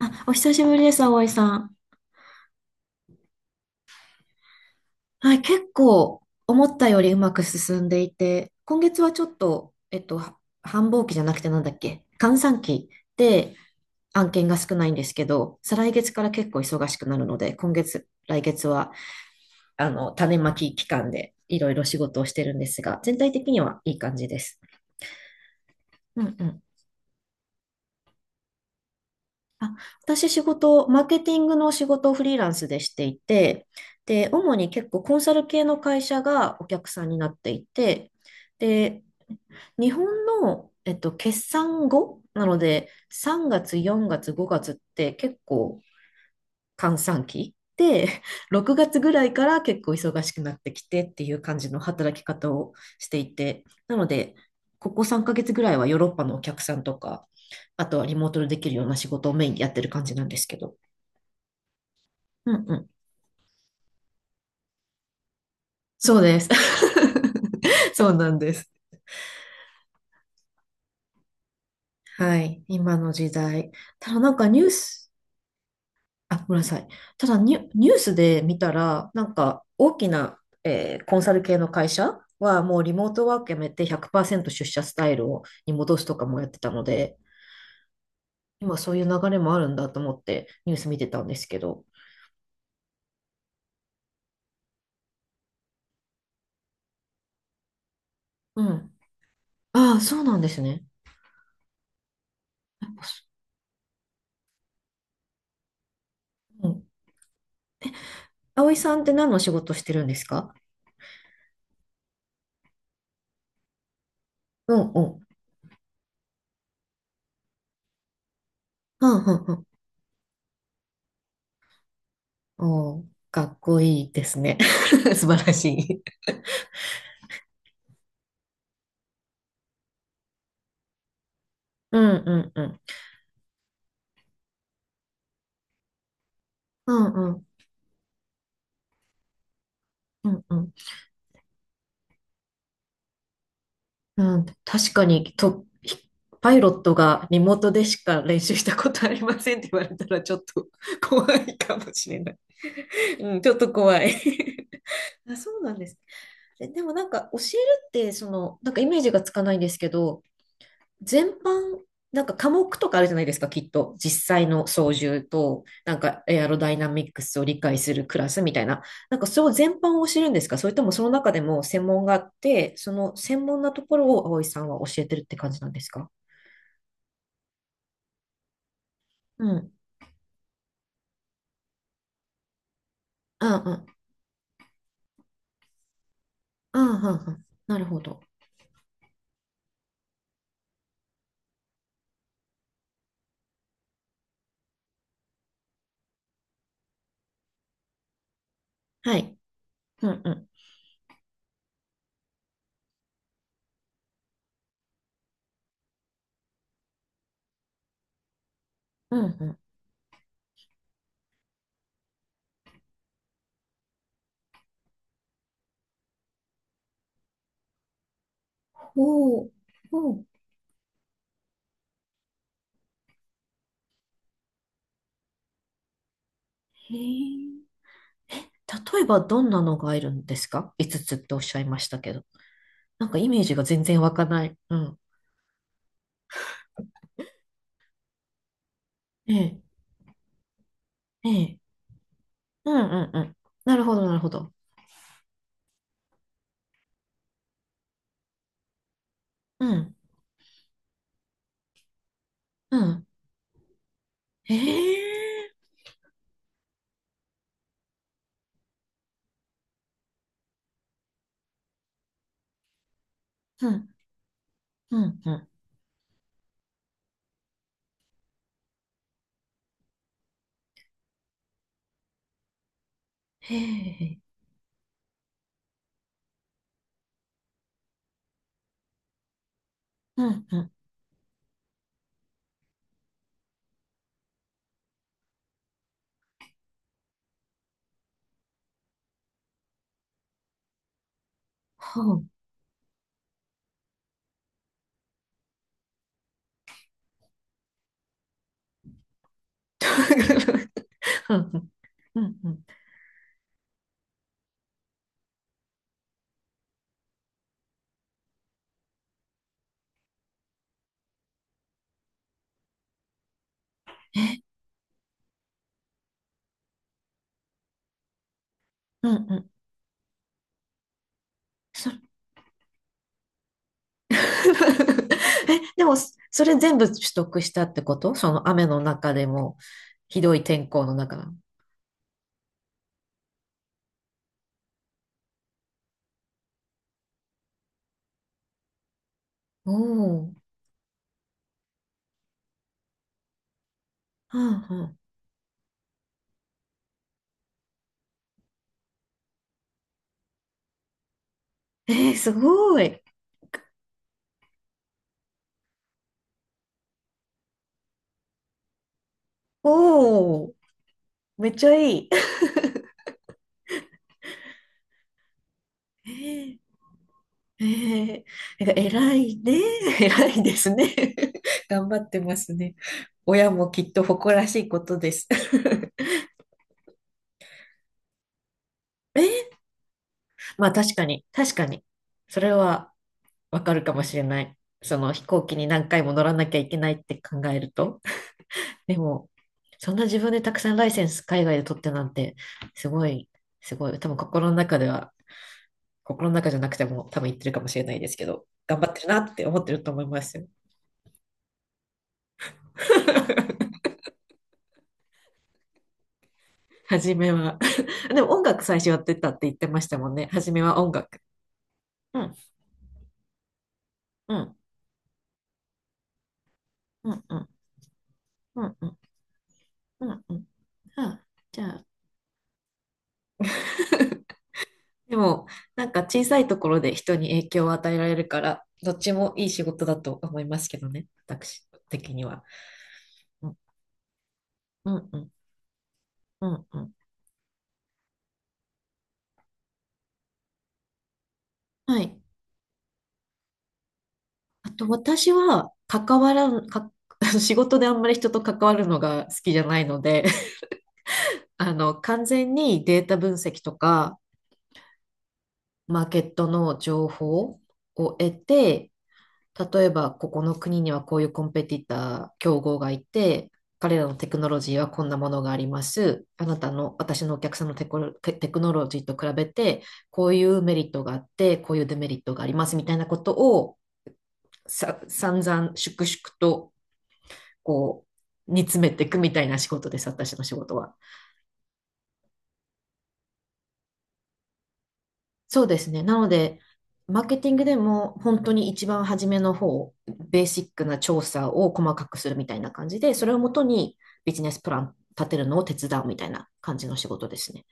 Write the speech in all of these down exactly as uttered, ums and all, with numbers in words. あ、お久しぶりです、葵さん。はい、結構思ったよりうまく進んでいて、今月はちょっと、えっと、は繁忙期じゃなくてなんだっけ、閑散期で案件が少ないんですけど、再来月から結構忙しくなるので、今月、来月は、あの、種まき期間でいろいろ仕事をしてるんですが、全体的にはいい感じです。うんうん。あ、私仕事、マーケティングの仕事をフリーランスでしていて、で、主に結構コンサル系の会社がお客さんになっていて、で、日本の、えっと、決算後なので、さんがつ、しがつ、ごがつって結構閑散期で、ろくがつぐらいから結構忙しくなってきてっていう感じの働き方をしていて、なので、ここさんかげつぐらいはヨーロッパのお客さんとか、あとはリモートでできるような仕事をメインでやってる感じなんですけど。うんうん。そうです。そうなんです。はい。今の時代。ただなんかニュース、あ、ごめんなさい。ただニュ、ニュースで見たら、なんか大きな、えーコンサル系の会社はもうリモートワークやめてひゃくパーセント出社スタイルをに戻すとかもやってたので、今そういう流れもあるんだと思ってニュース見てたんですけど。うん。ああ、そうなんですね。やっぱそうん。葵さんって何の仕事してるんですか？うんうん。うんうんうん。おー、かっこいいですね。素晴らしい。うんうんうん。うんうん。うんうん。うん、確かにと、ひパイロットがリモートでしか練習したことありませんって言われたらちょっと 怖いかもしれない。うん、ちょっと怖い。 あ、そうなんです。え、でもなんか教えるって、その、なんかイメージがつかないんですけど、全般、なんか科目とかあるじゃないですか、きっと。実際の操縦と、なんかエアロダイナミックスを理解するクラスみたいな。なんかそれを全般を知るんですか？それともその中でも専門があって、その専門なところを葵さんは教えてるって感じなんですか？うん。ああ、ああ、ああ、なるほど。はい。うんうん。うんうん。ほう、ほう。へえ。例えばどんなのがいるんですか？ いつ つつっておっしゃいましたけど。なんかイメージが全然湧かない。うん。ええ、ええ。うんうんうん。なるほど、なるほど。うん、うん。へえ。うん、うん、うん。へえ。うん、うん。ほう。うん、うん、うん。え、うん、うん。そ、え、でも、そそれ全部取得したってこと？その雨の中でも、ひどい天候の中。おお。うん、うん。えー、すごい。おお。めっちゃいい。えーええ、なんか偉いね。偉いですね。頑張ってますね。親もきっと誇らしいことです。まあ確かに、確かに。それはわかるかもしれない。その飛行機に何回も乗らなきゃいけないって考えると。でも、そんな自分でたくさんライセンス海外で取ってなんて、すごい、すごい。多分心の中では、心の中じゃなくても多分言ってるかもしれないですけど、頑張ってるなって思ってると思いますよ。初めは でも音楽最初やってたって言ってましたもんね。初めは音楽。うん、うん、うん、うん、うん、うん、うん、うん。あ、じゃあ、でも、なんか小さいところで人に影響を与えられるから、どっちもいい仕事だと思いますけどね、私的には。うん、うん、うん、うん、うん。はい。あと、私は、関わらん、か、仕事であんまり人と関わるのが好きじゃないので、あの、完全にデータ分析とか、マーケットの情報を得て、例えばここの国にはこういうコンペティター、競合がいて、彼らのテクノロジーはこんなものがあります。あなたの、私のお客さんのテクノテテクノロジーと比べて、こういうメリットがあって、こういうデメリットがありますみたいなことをさ、散々、粛々と、こう、煮詰めていくみたいな仕事です、私の仕事は。そうですね。なので、マーケティングでも本当に一番初めの方、ベーシックな調査を細かくするみたいな感じで、それをもとにビジネスプラン立てるのを手伝うみたいな感じの仕事ですね。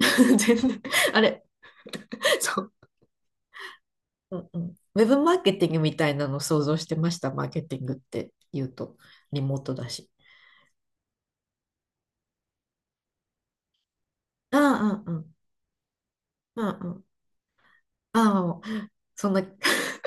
全然、あれ、そう、うんうん。ウェブマーケティングみたいなのを想像してました、マーケティングって言うと、リモートだし。ああ、うんうん。ああ、うん。ああ、そんな、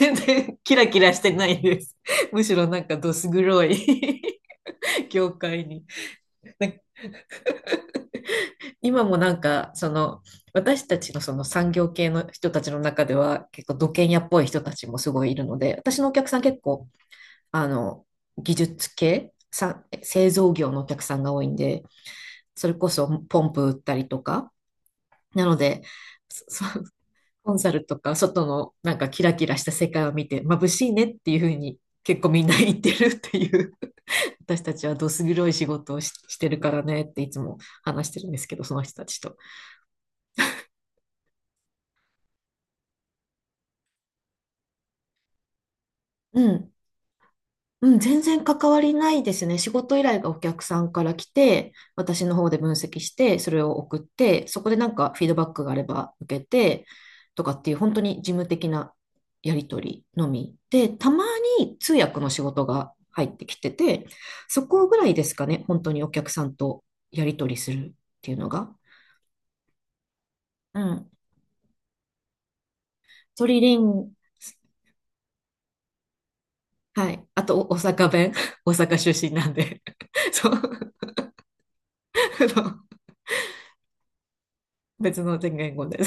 全然キラキラしてないです。むしろなんかどす黒い 業界に。今もなんか、その、私たちのその産業系の人たちの中では、結構土建屋っぽい人たちもすごいいるので、私のお客さん結構、あの、技術系、さ、製造業のお客さんが多いんで、それこそポンプ売ったりとか、なので、そ そコンサルとか、外のなんかキラキラした世界を見て、眩しいねっていうふうに結構みんな言ってるっていう、私たちはどす黒い仕事をし、してるからねっていつも話してるんですけど、その人たちと。うん。うん、全然関わりないですね。仕事依頼がお客さんから来て、私の方で分析して、それを送って、そこでなんかフィードバックがあれば受けて、とかっていう本当に事務的なやり取りのみで、たまに通訳の仕事が入ってきてて、そこぐらいですかね、本当にお客さんとやり取りするっていうのが。うん。トリリン、はい。あと、お大阪弁。大阪出身なんで。そう。あの、別の言語で。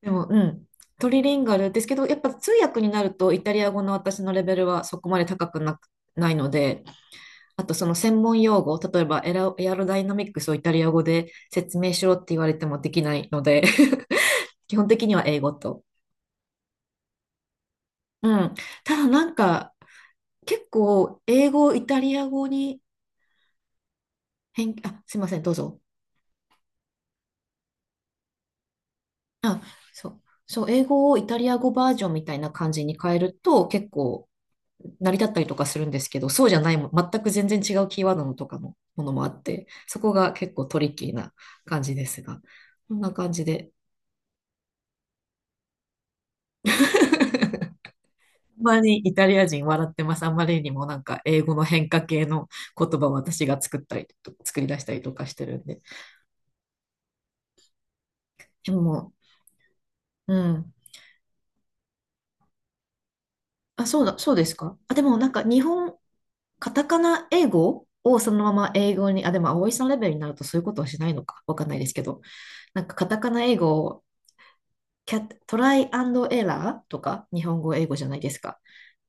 でも、うん。トリリンガルですけど、やっぱ通訳になるとイタリア語の私のレベルはそこまで高くなく、ないので、あとその専門用語、例えばエラ、エアロダイナミックスをイタリア語で説明しろって言われてもできないので、基本的には英語と。うん。ただなんか、結構英語をイタリア語に変、あ、すいません、どうぞ。あ、そう。そう、英語をイタリア語バージョンみたいな感じに変えると結構成り立ったりとかするんですけど、そうじゃないも、全く全然違うキーワードのとかのものもあって、そこが結構トリッキーな感じですが、こんな感じで。あんまにイタリア人笑ってます。あんまりにもなんか英語の変化系の言葉を私が作ったりと、作り出したりとかしてるんで。でも、うん。あ、そうだ、そうですか。あ、でもなんか日本、カタカナ英語をそのまま英語に、あ、でも葵さんレベルになるとそういうことはしないのか。わかんないですけど。なんかカタカナ英語キャ、トライアンドエラーとか、日本語、英語じゃないですか。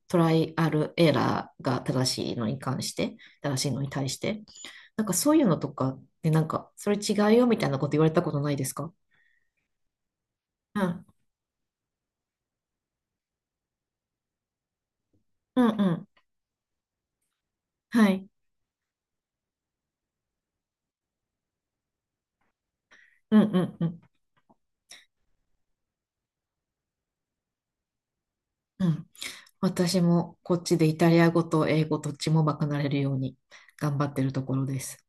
トライアルエラーが正しいのに関して、正しいのに対して。なんかそういうのとかで、なんか、それ違うよみたいなこと言われたことないですか？うん。うんうん。はい。うんうんうん。うん。私もこっちでイタリア語と英語どっちもバカなれるように頑張ってるところです。